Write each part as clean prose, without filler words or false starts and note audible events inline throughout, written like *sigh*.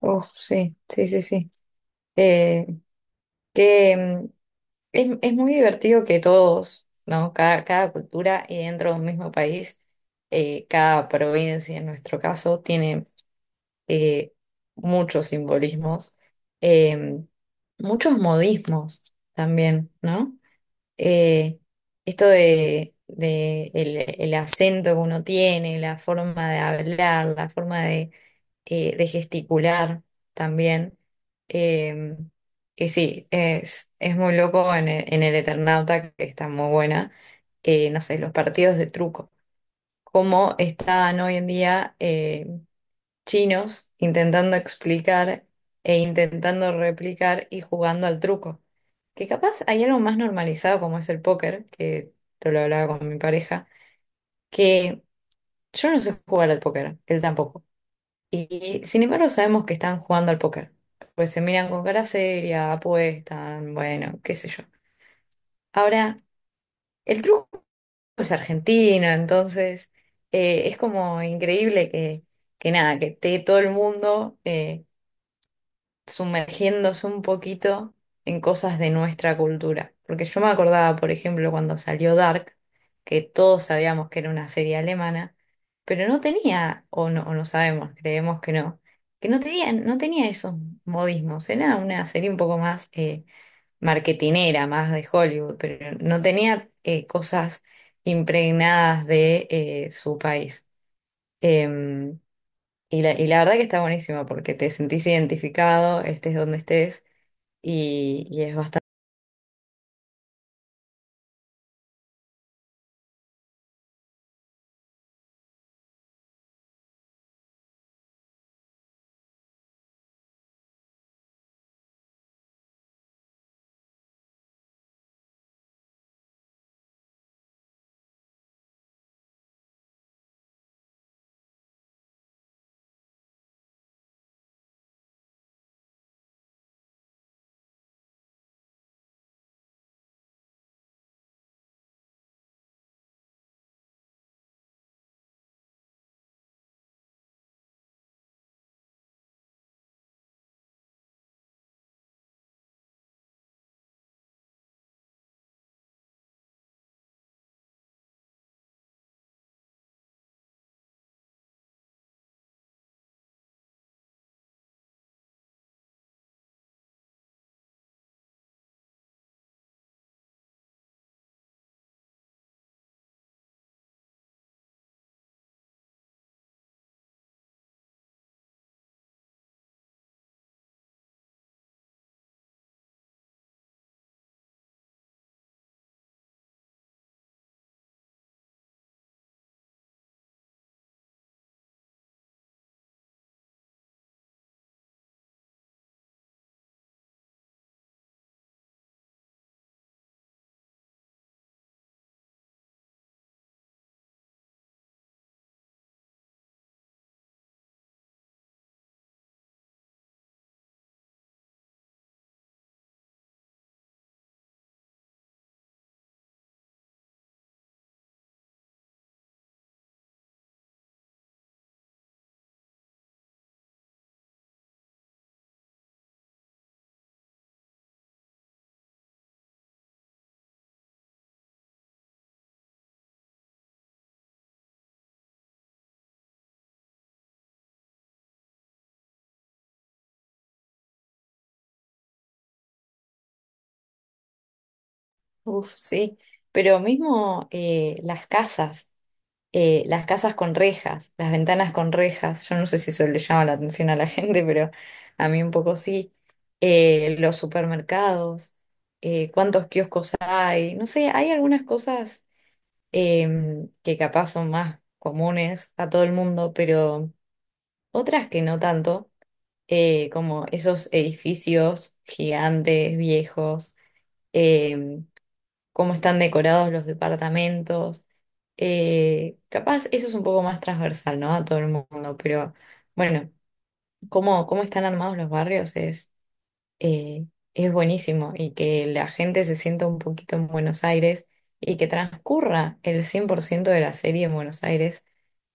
Oh, sí, sí, sí, sí. Eh, que mm, es muy divertido que todos, ¿no? Cada cultura y dentro de un mismo país, cada provincia en nuestro caso tiene eh, muchos simbolismos, eh, muchos modismos también, ¿no? Eh, Esto de el acento que uno tiene, la forma de hablar, la forma de gesticular también. Eh, y sí, es muy loco en el Eternauta, que está muy buena. No sé, los partidos de truco. Cómo están hoy en día, chinos intentando explicar e intentando replicar y jugando al truco. Que capaz hay algo más normalizado como es el póker, que te lo hablaba con mi pareja, que yo no sé jugar al póker, él tampoco. Y sin embargo sabemos que están jugando al póker, pues se miran con cara seria, apuestan, bueno, qué sé yo. Ahora, el truco es argentino, entonces, es como increíble que nada, que esté todo el mundo, sumergiéndose un poquito en cosas de nuestra cultura. Porque yo me acordaba, por ejemplo, cuando salió Dark, que todos sabíamos que era una serie alemana, pero no tenía, o no sabemos, creemos que no tenía, no tenía esos modismos. Era una serie un poco más, marketinera, más de Hollywood, pero no tenía, cosas impregnadas de, su país. Em, y la verdad que está buenísimo porque te sentís identificado, estés donde estés, y es bastante. Uf, sí, pero mismo, las casas con rejas, las ventanas con rejas, yo no sé si eso le llama la atención a la *laughs* gente, pero a mí un poco sí. Los supermercados, cuántos kioscos hay, no sé, hay algunas cosas, que capaz son más comunes a todo el mundo, pero otras que no tanto. Como esos edificios gigantes, viejos, eh, cómo están decorados los departamentos. Capaz eso es un poco más transversal, ¿no? A todo el mundo, pero bueno, cómo están armados los barrios eh, es buenísimo, y que la gente se sienta un poquito en Buenos Aires y que transcurra el 100% de la serie en Buenos Aires,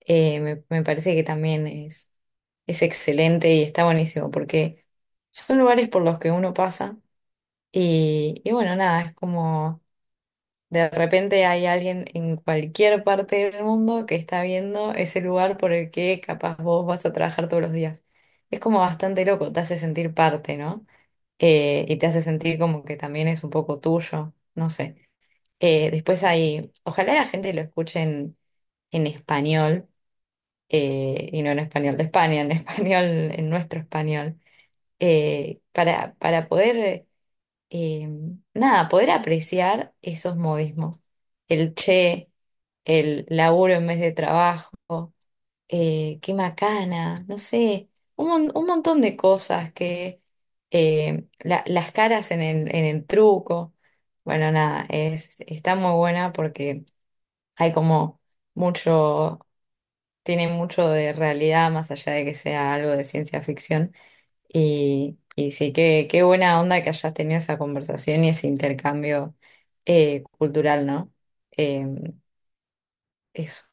me parece que también es excelente y está buenísimo porque son lugares por los que uno pasa y bueno, nada, es como de repente hay alguien en cualquier parte del mundo que está viendo ese lugar por el que capaz vos vas a trabajar todos los días. Es como bastante loco, te hace sentir parte, ¿no? Y te hace sentir como que también es un poco tuyo, no sé. Después hay, ojalá la gente lo escuche en español, y no en español de España, en español, en nuestro español, para poder, eh, nada, poder apreciar esos modismos. El che, el laburo en vez de trabajo, qué macana, no sé, un montón de cosas que, las caras en el truco. Bueno, nada, está muy buena porque hay como mucho, tiene mucho de realidad más allá de que sea algo de ciencia ficción. Y sí, qué buena onda que hayas tenido esa conversación y ese intercambio, cultural, ¿no? Eh, eso.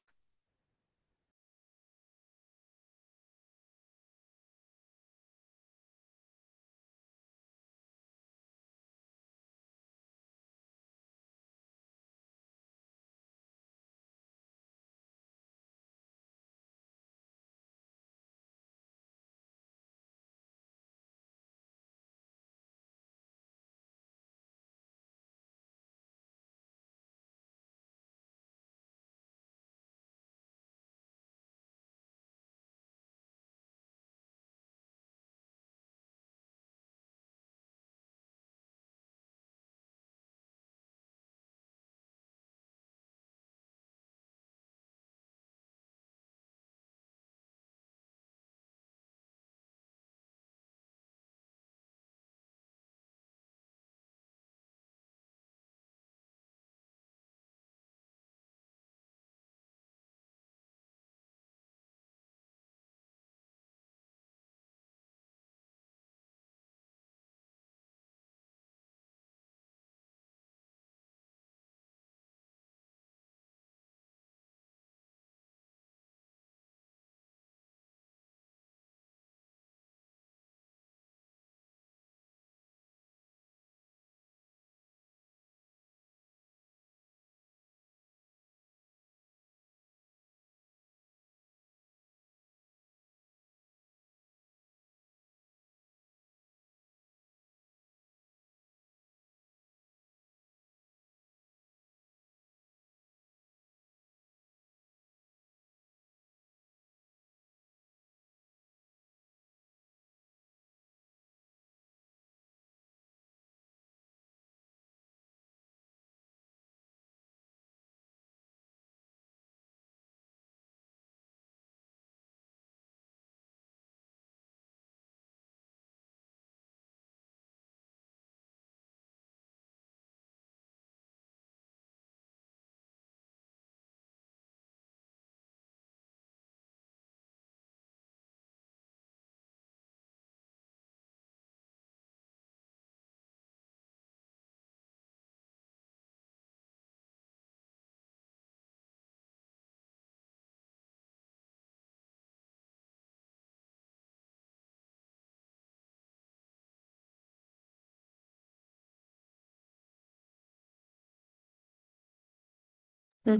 Mm.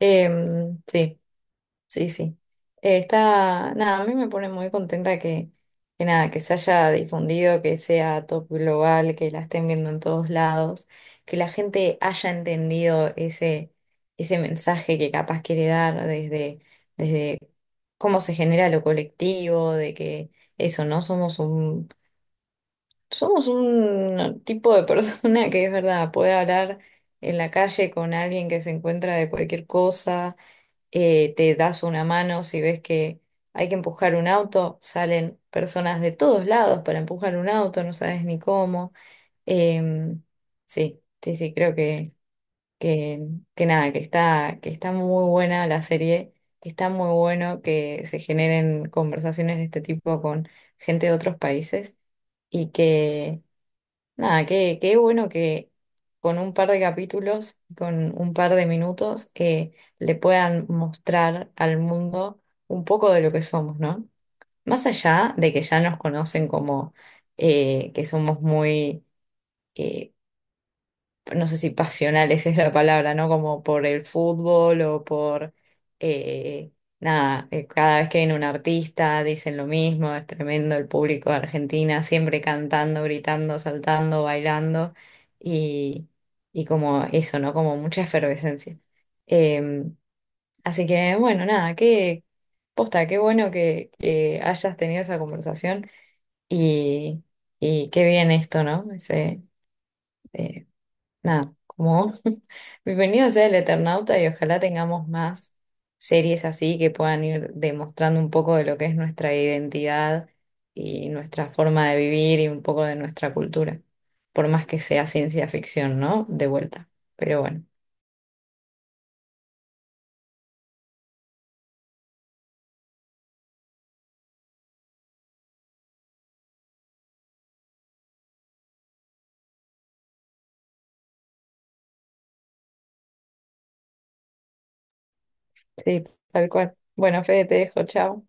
Eh, sí. Sí, sí. Está, nada, a mí me pone muy contenta que nada, que se haya difundido, que sea top global, que la estén viendo en todos lados, que la gente haya entendido ese mensaje que capaz quiere dar desde, desde cómo se genera lo colectivo, de que eso, no somos un, somos un tipo de *laughs* persona que es verdad, puede hablar en la calle con alguien que se encuentra de cualquier cosa, te das una mano si ves que hay que empujar un auto, salen personas de todos lados para empujar un auto, no sabes ni cómo. Em, sí, sí, sí, creo que, que nada, que está muy buena la serie, que está muy bueno que se generen conversaciones de este tipo con gente de otros países y que Nada, qué bueno que con un par de capítulos, con un par de minutos, le puedan mostrar al mundo un poco de lo que somos, ¿no? Más allá de que ya nos conocen como, que somos muy, eh, no sé si pasionales *laughs* es la palabra, ¿no? Como por el fútbol o por, eh, nada, cada vez que viene un artista dicen lo mismo, es tremendo el público de Argentina, siempre cantando, gritando, saltando, bailando y, y como eso, ¿no? Como mucha efervescencia. Eh, así que, bueno, nada, qué posta, qué bueno que hayas tenido esa conversación y, y qué bien esto, ¿no? Ese, eh, nada, como *laughs* bienvenido sea el Eternauta y ojalá tengamos más series así que puedan ir demostrando un poco de lo que es nuestra identidad y nuestra forma de vivir y un poco de nuestra cultura, por más que sea ciencia ficción, ¿no? De vuelta. Pero bueno, sí, tal cual. Bueno, Fede, te dejo, chao.